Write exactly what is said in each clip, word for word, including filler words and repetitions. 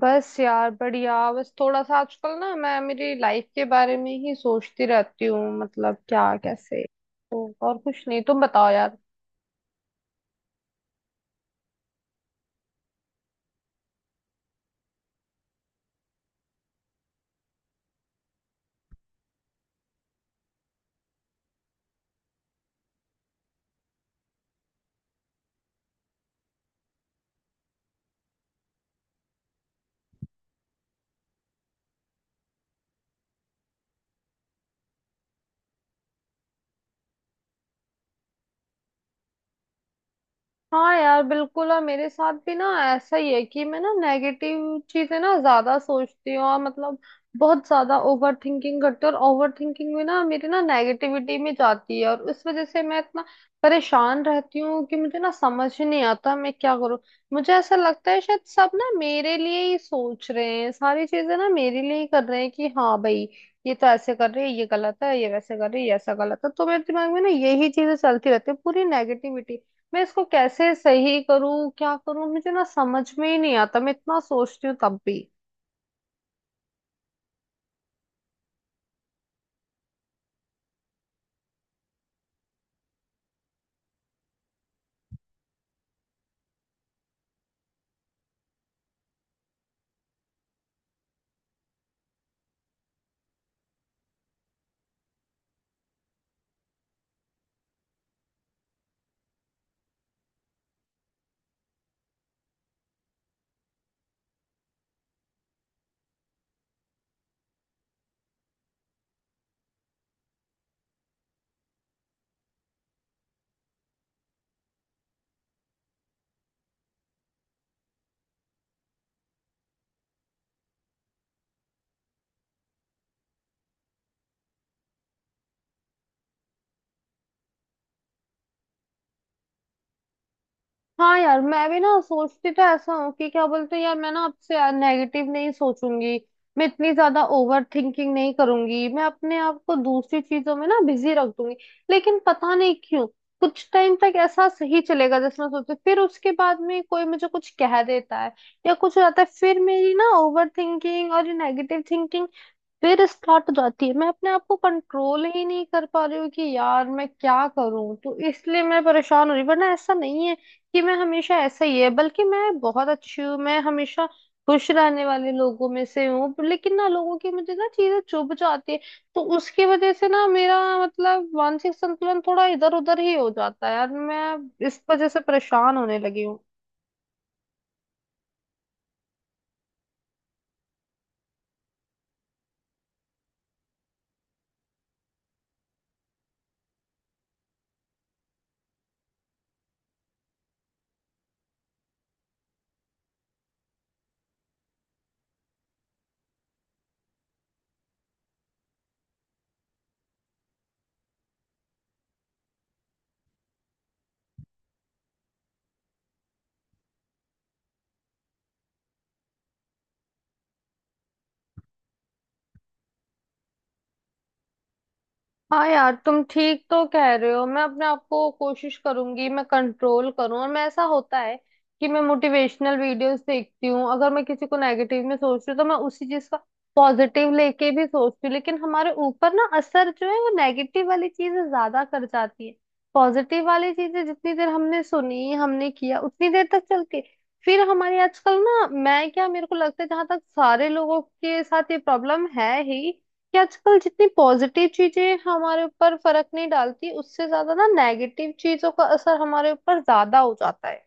बस यार बढ़िया। बस थोड़ा सा आजकल ना मैं मेरी लाइफ के बारे में ही सोचती रहती हूँ, मतलब क्या कैसे। तो और कुछ नहीं, तुम बताओ यार। हाँ यार बिल्कुल। और मेरे साथ भी ना ऐसा ही है कि मैं ना नेगेटिव चीजें ना ज्यादा सोचती हूँ, और मतलब बहुत ज्यादा ओवर थिंकिंग करती हूँ। और ओवर थिंकिंग में ना मेरी ना नेगेटिविटी में जाती है, और उस वजह से मैं इतना परेशान रहती हूँ कि मुझे ना समझ ही नहीं आता मैं क्या करूँ। मुझे ऐसा लगता है शायद सब ना मेरे लिए ही सोच रहे हैं, सारी चीजें ना मेरे लिए ही कर रहे हैं कि हाँ भाई, ये तो ऐसे कर रही है ये गलत है, ये वैसे कर रही है ये ऐसा गलत है। तो मेरे दिमाग में ना यही चीजें चलती रहती है, पूरी नेगेटिविटी। मैं इसको कैसे सही करूं, क्या करूं, मुझे ना समझ में ही नहीं आता। मैं इतना सोचती हूँ तब भी। हाँ यार, मैं भी ना सोचती तो ऐसा हूँ कि क्या बोलते हैं यार, मैं ना आपसे यार नेगेटिव नहीं सोचूंगी, मैं इतनी ज्यादा ओवर थिंकिंग नहीं करूंगी, मैं अपने आप को दूसरी चीजों में ना बिजी रख दूंगी। लेकिन पता नहीं क्यों कुछ टाइम तक ऐसा सही चलेगा जैसे मैं सोचती हूँ। फिर उसके बाद में कोई मुझे कुछ कह देता है या कुछ हो जाता है, फिर मेरी ना ओवर थिंकिंग और ये नेगेटिव थिंकिंग फिर स्टार्ट हो जाती है। मैं अपने आप को कंट्रोल ही नहीं कर पा रही हूँ कि यार मैं क्या करूँ, तो इसलिए मैं परेशान हो रही हूँ। वरना ऐसा नहीं है कि मैं हमेशा ऐसा ही है, बल्कि मैं बहुत अच्छी हूँ, मैं हमेशा खुश रहने वाले लोगों में से हूँ। पर लेकिन ना लोगों की मुझे ना चीजें चुभ जाती है, तो उसकी वजह से ना मेरा मतलब मानसिक संतुलन थोड़ा इधर उधर ही हो जाता है यार। मैं इस वजह से परेशान होने लगी हूँ। हाँ यार तुम ठीक तो कह रहे हो। मैं अपने आप को कोशिश करूंगी मैं कंट्रोल करूँ। और मैं ऐसा होता है कि मैं मोटिवेशनल वीडियोस देखती हूँ। अगर मैं किसी को नेगेटिव में सोच रही हूँ तो मैं उसी चीज का पॉजिटिव लेके भी सोचती हूँ। लेकिन हमारे ऊपर ना असर जो है वो नेगेटिव वाली चीजें ज्यादा कर जाती है। पॉजिटिव वाली चीजें जितनी देर हमने सुनी हमने किया उतनी देर तक चलती है। फिर हमारी आजकल ना मैं क्या मेरे को लगता है जहां तक सारे लोगों के साथ ये प्रॉब्लम है ही कि आजकल जितनी पॉजिटिव चीजें हमारे ऊपर फर्क नहीं डालती, उससे ज्यादा ना नेगेटिव चीजों का असर हमारे ऊपर ज्यादा हो जाता है।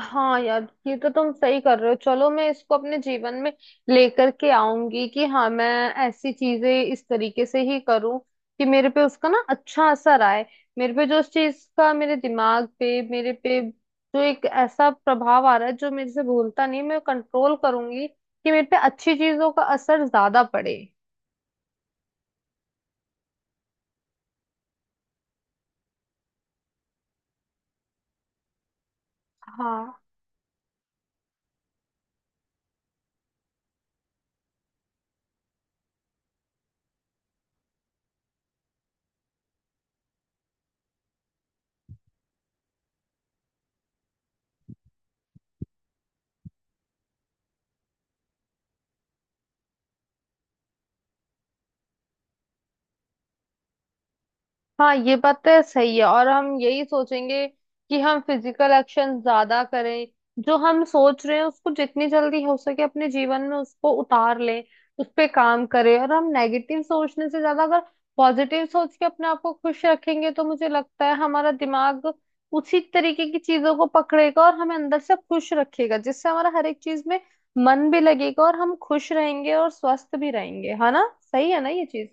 हाँ यार ये तो तुम सही कर रहे हो। चलो, मैं इसको अपने जीवन में लेकर के आऊंगी कि हाँ मैं ऐसी चीजें इस तरीके से ही करूं कि मेरे पे उसका ना अच्छा असर आए। मेरे पे जो उस चीज का, मेरे दिमाग पे मेरे पे जो एक ऐसा प्रभाव आ रहा है जो मेरे से भूलता नहीं, मैं कंट्रोल करूंगी कि मेरे पे अच्छी चीजों का असर ज्यादा पड़े। हाँ। हाँ ये बात तो सही है। और हम यही सोचेंगे कि हम फिजिकल एक्शन ज्यादा करें, जो हम सोच रहे हैं उसको जितनी जल्दी हो सके अपने जीवन में उसको उतार लें, उस पे काम करें। और हम नेगेटिव सोचने से ज्यादा अगर पॉजिटिव सोच के अपने आप को खुश रखेंगे तो मुझे लगता है हमारा दिमाग उसी तरीके की चीजों को पकड़ेगा और हमें अंदर से खुश रखेगा, जिससे हमारा हर एक चीज में मन भी लगेगा और हम खुश रहेंगे और स्वस्थ भी रहेंगे। है ना, सही है ना ये चीज?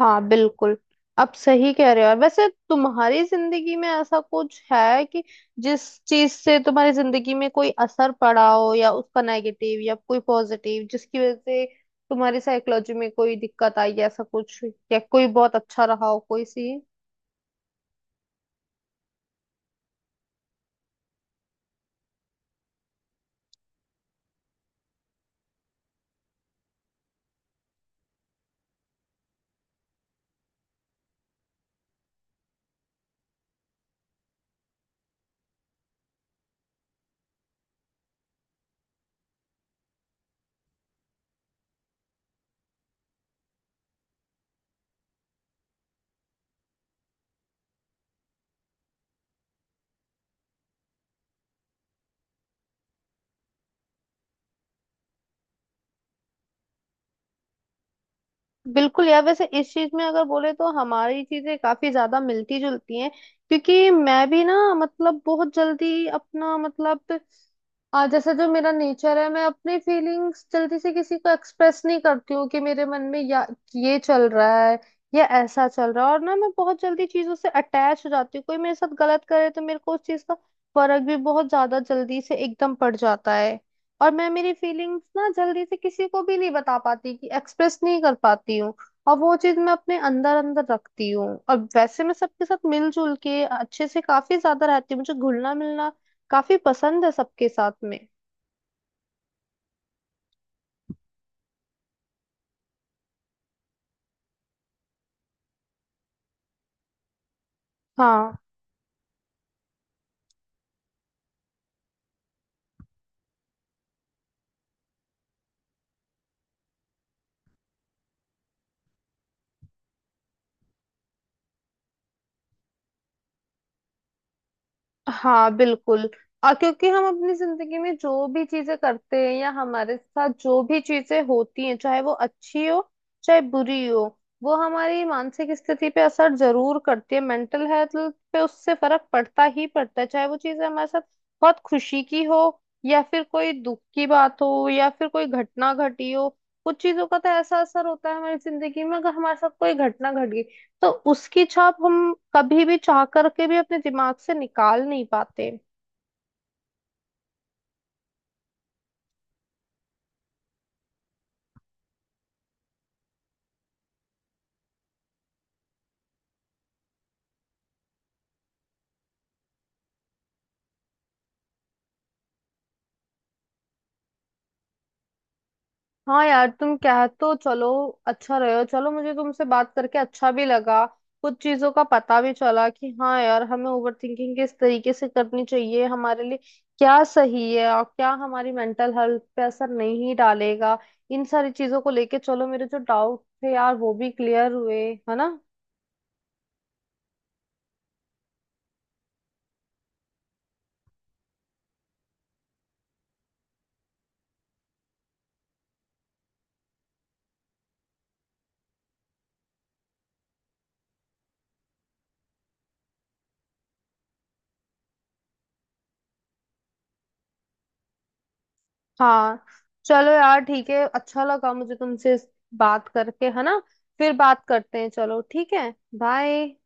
हाँ बिल्कुल। आप सही कह रहे हो यार। वैसे तुम्हारी जिंदगी में ऐसा कुछ है कि जिस चीज से तुम्हारी जिंदगी में कोई असर पड़ा हो, या उसका नेगेटिव या कोई पॉजिटिव जिसकी वजह से तुम्हारी साइकोलॉजी में कोई दिक्कत आई, ऐसा कुछ या कोई बहुत अच्छा रहा हो कोई सी? बिल्कुल यार। वैसे इस चीज में अगर बोले तो हमारी चीजें काफी ज्यादा मिलती जुलती हैं। क्योंकि मैं भी ना मतलब बहुत जल्दी अपना मतलब आ, जैसा जो मेरा नेचर है, मैं अपनी फीलिंग्स जल्दी से किसी को एक्सप्रेस नहीं करती हूँ कि मेरे मन में या ये चल रहा है या ऐसा चल रहा है। और ना मैं बहुत जल्दी चीजों से अटैच हो जाती हूँ, कोई मेरे साथ गलत करे तो मेरे को उस चीज का फर्क भी बहुत ज्यादा जल्दी से एकदम पड़ जाता है। और मैं मेरी फीलिंग्स ना जल्दी से किसी को भी नहीं बता पाती कि एक्सप्रेस नहीं कर पाती हूँ, और वो चीज मैं अपने अंदर अंदर रखती हूँ। और वैसे मैं सबके साथ मिलजुल के अच्छे से काफी ज्यादा रहती हूँ, मुझे घुलना मिलना काफी पसंद है सबके साथ में। हाँ। हाँ बिल्कुल। और क्योंकि हम अपनी जिंदगी में जो भी चीजें करते हैं या हमारे साथ जो भी चीजें होती हैं, चाहे वो अच्छी हो चाहे बुरी हो, वो हमारी मानसिक स्थिति पे असर जरूर करती है। मेंटल हेल्थ पे उससे फर्क पड़ता ही पड़ता है, चाहे वो चीजें हमारे साथ बहुत खुशी की हो या फिर कोई दुख की बात हो या फिर कोई घटना घटी हो। कुछ चीजों का तो ऐसा असर होता है हमारी जिंदगी में, अगर हमारे साथ कोई घटना घट गई तो उसकी छाप हम कभी भी चाह करके भी अपने दिमाग से निकाल नहीं पाते। हाँ यार तुम कह तो चलो अच्छा रहे हो। चलो, मुझे तुमसे बात करके अच्छा भी लगा। कुछ चीजों का पता भी चला कि हाँ यार हमें ओवर थिंकिंग किस तरीके से करनी चाहिए, हमारे लिए क्या सही है और क्या हमारी मेंटल हेल्थ पे असर नहीं डालेगा। इन सारी चीजों को लेके, चलो मेरे जो डाउट थे यार वो भी क्लियर हुए, है ना? हाँ। चलो यार ठीक है, अच्छा लगा मुझे तुमसे इस बात करके, है ना? फिर बात करते हैं, चलो ठीक है। बाय।